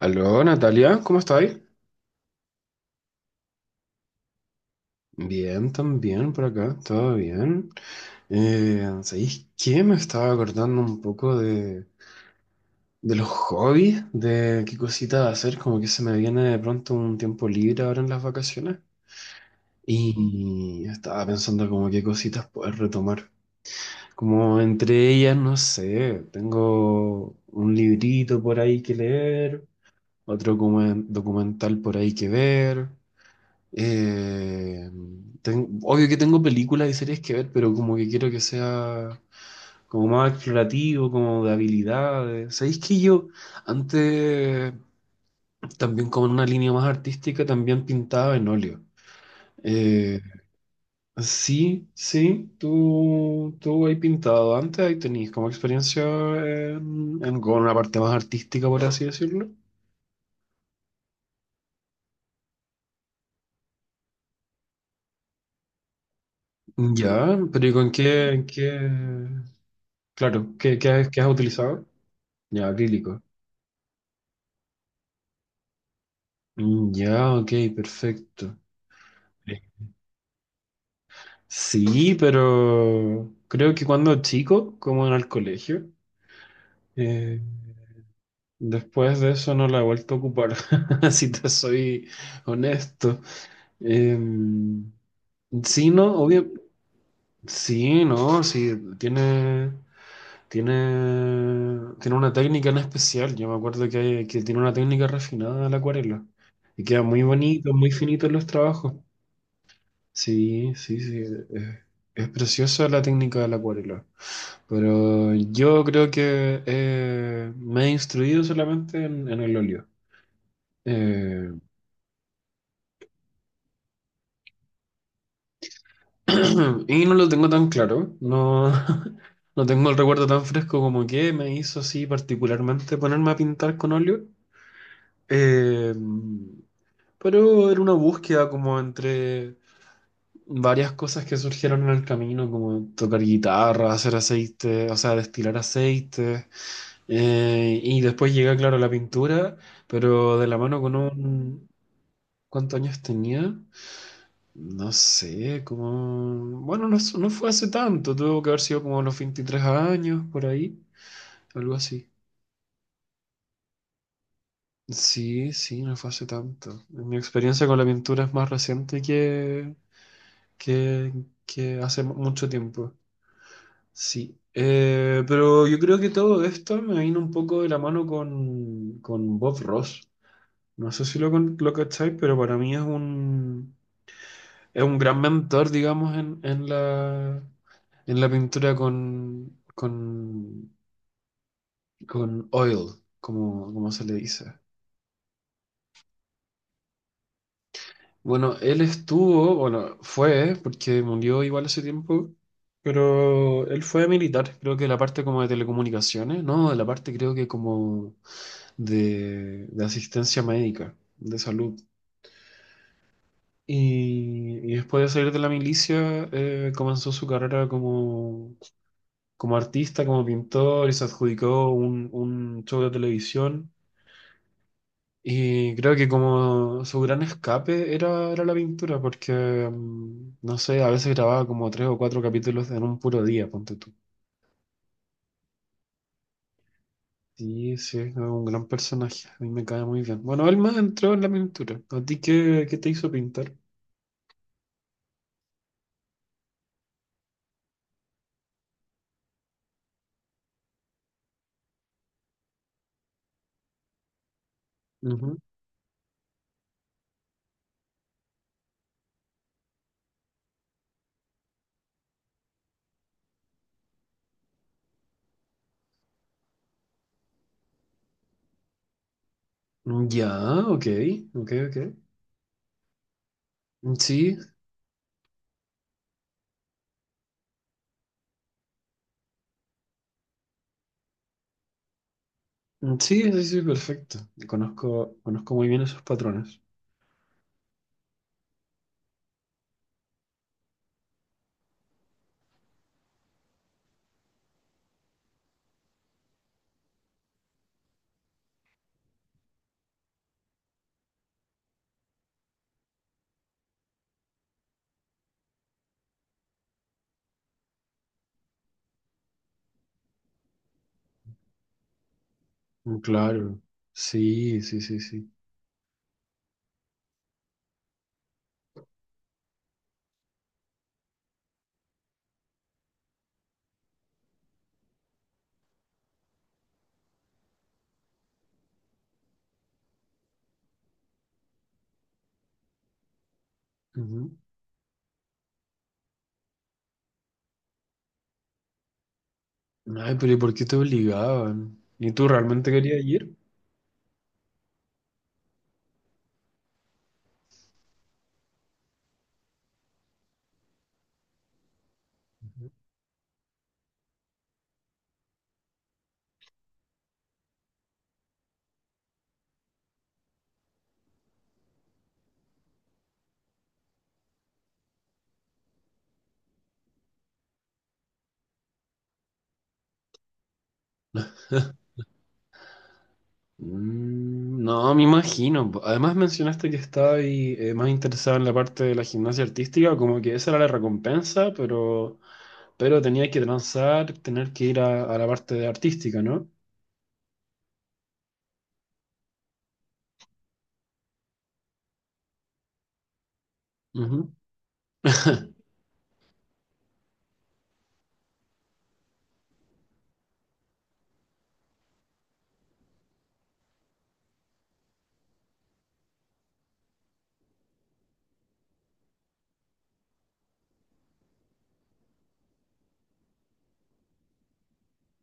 Aló, Natalia, ¿cómo estáis? Bien, también por acá, todo bien. ¿Sabéis qué? Me estaba acordando un poco de los hobbies, de qué cositas hacer, como que se me viene de pronto un tiempo libre ahora en las vacaciones. Y estaba pensando como qué cositas poder retomar. Como entre ellas, no sé, tengo un librito por ahí que leer, otro como documental por ahí que ver. Eh, Obvio que tengo películas y series que ver, pero como que quiero que sea como más explorativo, como de habilidades. ¿Sabéis que yo antes, también como en una línea más artística, también pintaba en óleo? Eh, sí, sí, tú has pintado antes, ahí tenéis como experiencia con una parte más artística, por así decirlo. Ya, pero ¿y con qué, en qué? Claro, ¿qué has utilizado? Ya, acrílico. Mm, ya, ok, perfecto. Sí. Sí, pero creo que cuando chico, como en el colegio, eh, después de eso no la he vuelto a ocupar, si te soy honesto. Eh, sí, no, obvio, sí, no, sí, tiene, tiene una técnica en especial. Yo me acuerdo que tiene una técnica refinada de la acuarela y queda muy bonito, muy finito en los trabajos. Sí, sí, sí. eh, Es, preciosa la técnica del la Pero yo creo que me he instruido solamente en el óleo. Eh, y no lo tengo tan claro. No, no tengo el recuerdo tan fresco como que me hizo así particularmente ponerme a pintar con óleo. Eh, pero era una búsqueda como entre varias cosas que surgieron en el camino, como tocar guitarra, hacer aceite, o sea, destilar aceite. Y después llega, claro, la pintura, pero de la mano con un... ¿Cuántos años tenía? No sé, como... Bueno, no, no fue hace tanto, tuvo que haber sido como a los 23 años, por ahí, algo así. Sí, sí, no fue hace tanto. Mi experiencia con la pintura es más reciente que, que hace mucho tiempo. Sí. Pero yo creo que todo esto me vino un poco de la mano con Bob Ross. No sé si lo cacháis, pero para mí es un, gran mentor, digamos, en la pintura con oil, como se le dice. Bueno, él estuvo, bueno, fue, porque murió igual hace tiempo, pero él fue militar, creo que de la parte como de telecomunicaciones, ¿no? De la parte creo que como de asistencia médica, de salud. Y después de salir de la milicia, comenzó su carrera como artista, como pintor, y se adjudicó un show de televisión. Y creo que como su gran escape era la pintura, porque, no sé, a veces grababa como 3 o 4 capítulos en un puro día, ponte tú. Sí, sí, es un gran personaje, a mí me cae muy bien. Bueno, él más entró en la pintura. ¿A ti qué te hizo pintar? Ujú. Ya, ok, ok, ok. Sí, mm, sí, sí, sí, perfecto. Conozco muy bien esos patrones. Mm, claro. Sí, sí, sí, sí. Ujú. Ay, pero ¿y por qué te obligaban? ¿Y tú realmente querías ir? Mm, no, me imagino. Además mencionaste que estaba ahí, más interesado en la parte de la gimnasia artística, como que esa era la recompensa, pero, tenía que transar, tener que ir a la parte de artística, ¿no?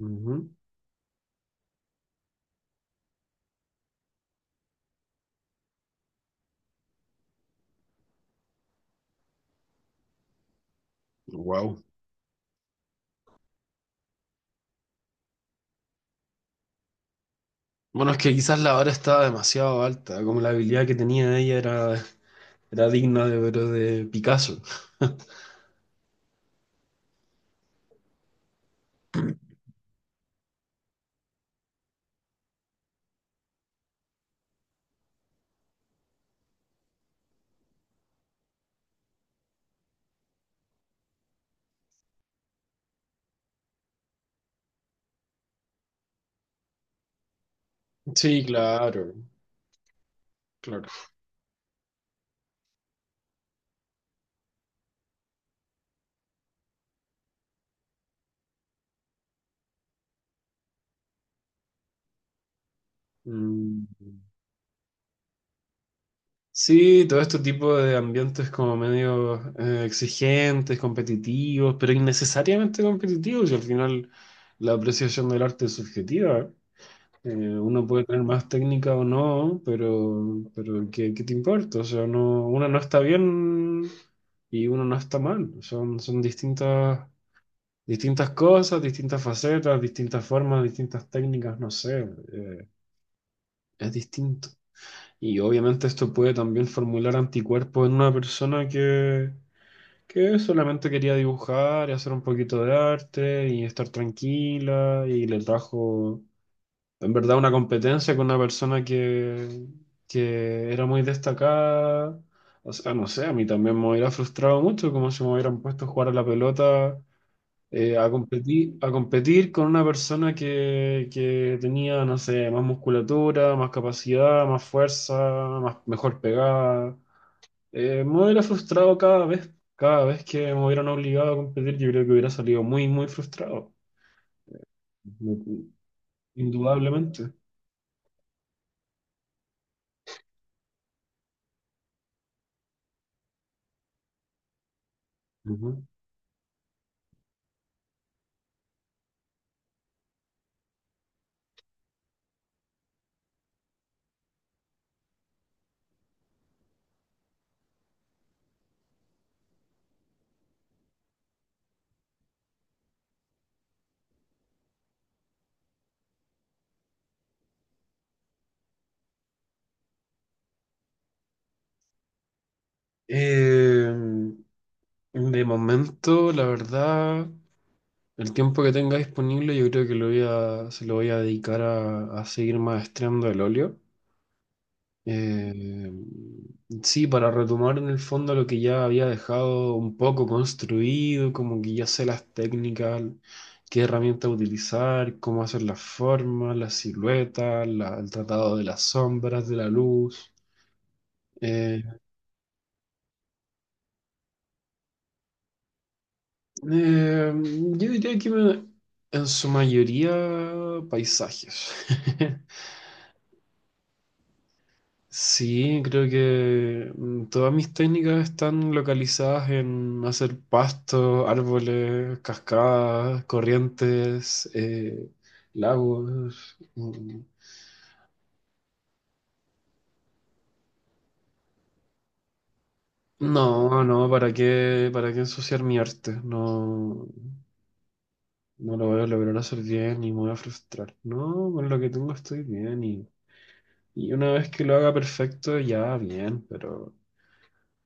Wow. Bueno, es que quizás la hora estaba demasiado alta, como la habilidad que tenía ella era digna de, pero de Picasso. Sí, claro, claro. Mm, sí, todo este tipo de ambientes como medio exigentes, competitivos, pero innecesariamente competitivos, y al final la apreciación del arte es subjetiva. Uno puede tener más técnica o no, pero, ¿qué te importa? O sea, no, uno no está bien y uno no está mal. Son distintas cosas, distintas facetas, distintas formas, distintas técnicas, no sé, eh, es distinto. Y obviamente esto puede también formular anticuerpos en una persona que solamente quería dibujar y hacer un poquito de arte y estar tranquila y le trajo en verdad una competencia con una persona que era muy destacada. O sea, no sé, a mí también me hubiera frustrado mucho como si me hubieran puesto a jugar a la pelota, a competir con una persona que tenía, no sé, más musculatura, más capacidad, más fuerza, mejor pegada. Me hubiera frustrado cada vez que me hubieran obligado a competir, yo creo que hubiera salido muy, muy frustrado, indudablemente. Ujú. Eh, de momento, la verdad, el tiempo que tenga disponible yo creo que se lo voy a dedicar a seguir maestrando el óleo. Eh, sí, para retomar en el fondo lo que ya había dejado un poco construido, como que ya sé las técnicas, qué herramienta utilizar, cómo hacer las formas, las siluetas, el tratado de las sombras, de la luz. Eh, yo diría que en su mayoría paisajes. Sí, creo que todas mis técnicas están localizadas en hacer pastos, árboles, cascadas, corrientes, lagos. Mm, no, no, ¿para qué ensuciar mi arte? No, no lo voy a lograr hacer bien y me voy a frustrar. No, con lo que tengo estoy bien, y una vez que lo haga perfecto, ya bien, pero,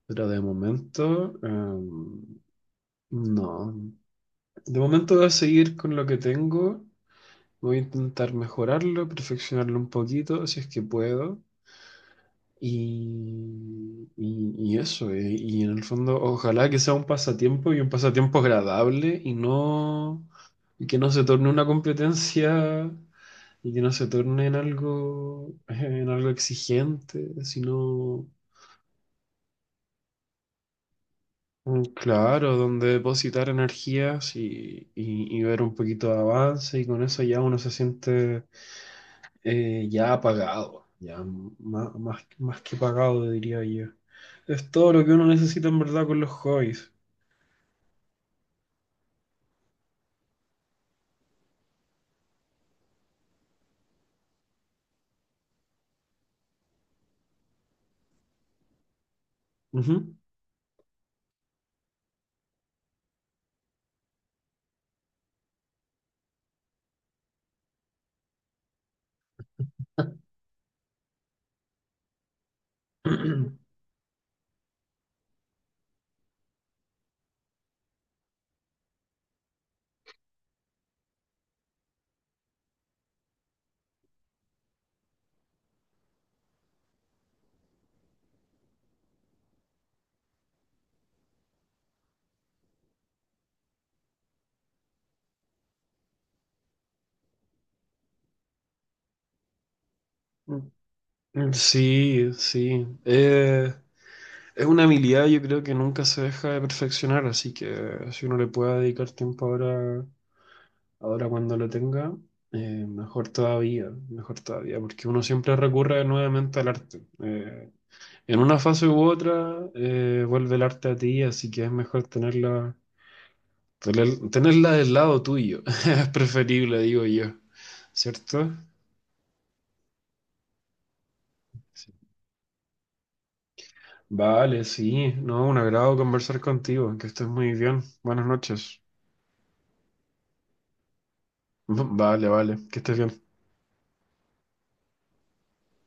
pero de momento, no. De momento voy a seguir con lo que tengo, voy a intentar mejorarlo, perfeccionarlo un poquito, si es que puedo. Y eso, y en el fondo, ojalá que sea un pasatiempo y un pasatiempo agradable y no, y que no se torne una competencia y que no se torne en algo, en algo exigente, sino... Mm, claro, donde depositar energías y ver un poquito de avance y con eso ya uno se siente ya apagado, ya más que pagado, diría yo. Es todo lo que uno necesita en verdad con los hobbies. Ujú. Sí, sí. Es una habilidad yo creo que nunca se deja de perfeccionar, así que si uno le puede dedicar tiempo ahora cuando lo tenga, mejor todavía, porque uno siempre recurre nuevamente al arte. En una fase u otra, vuelve el arte a ti, así que es mejor tenerla, tenerla del lado tuyo. Es preferible, digo yo, ¿cierto? Sí. Vale, sí, no, un agrado conversar contigo, que estés muy bien. Buenas noches. Vale, vale, que estés bien.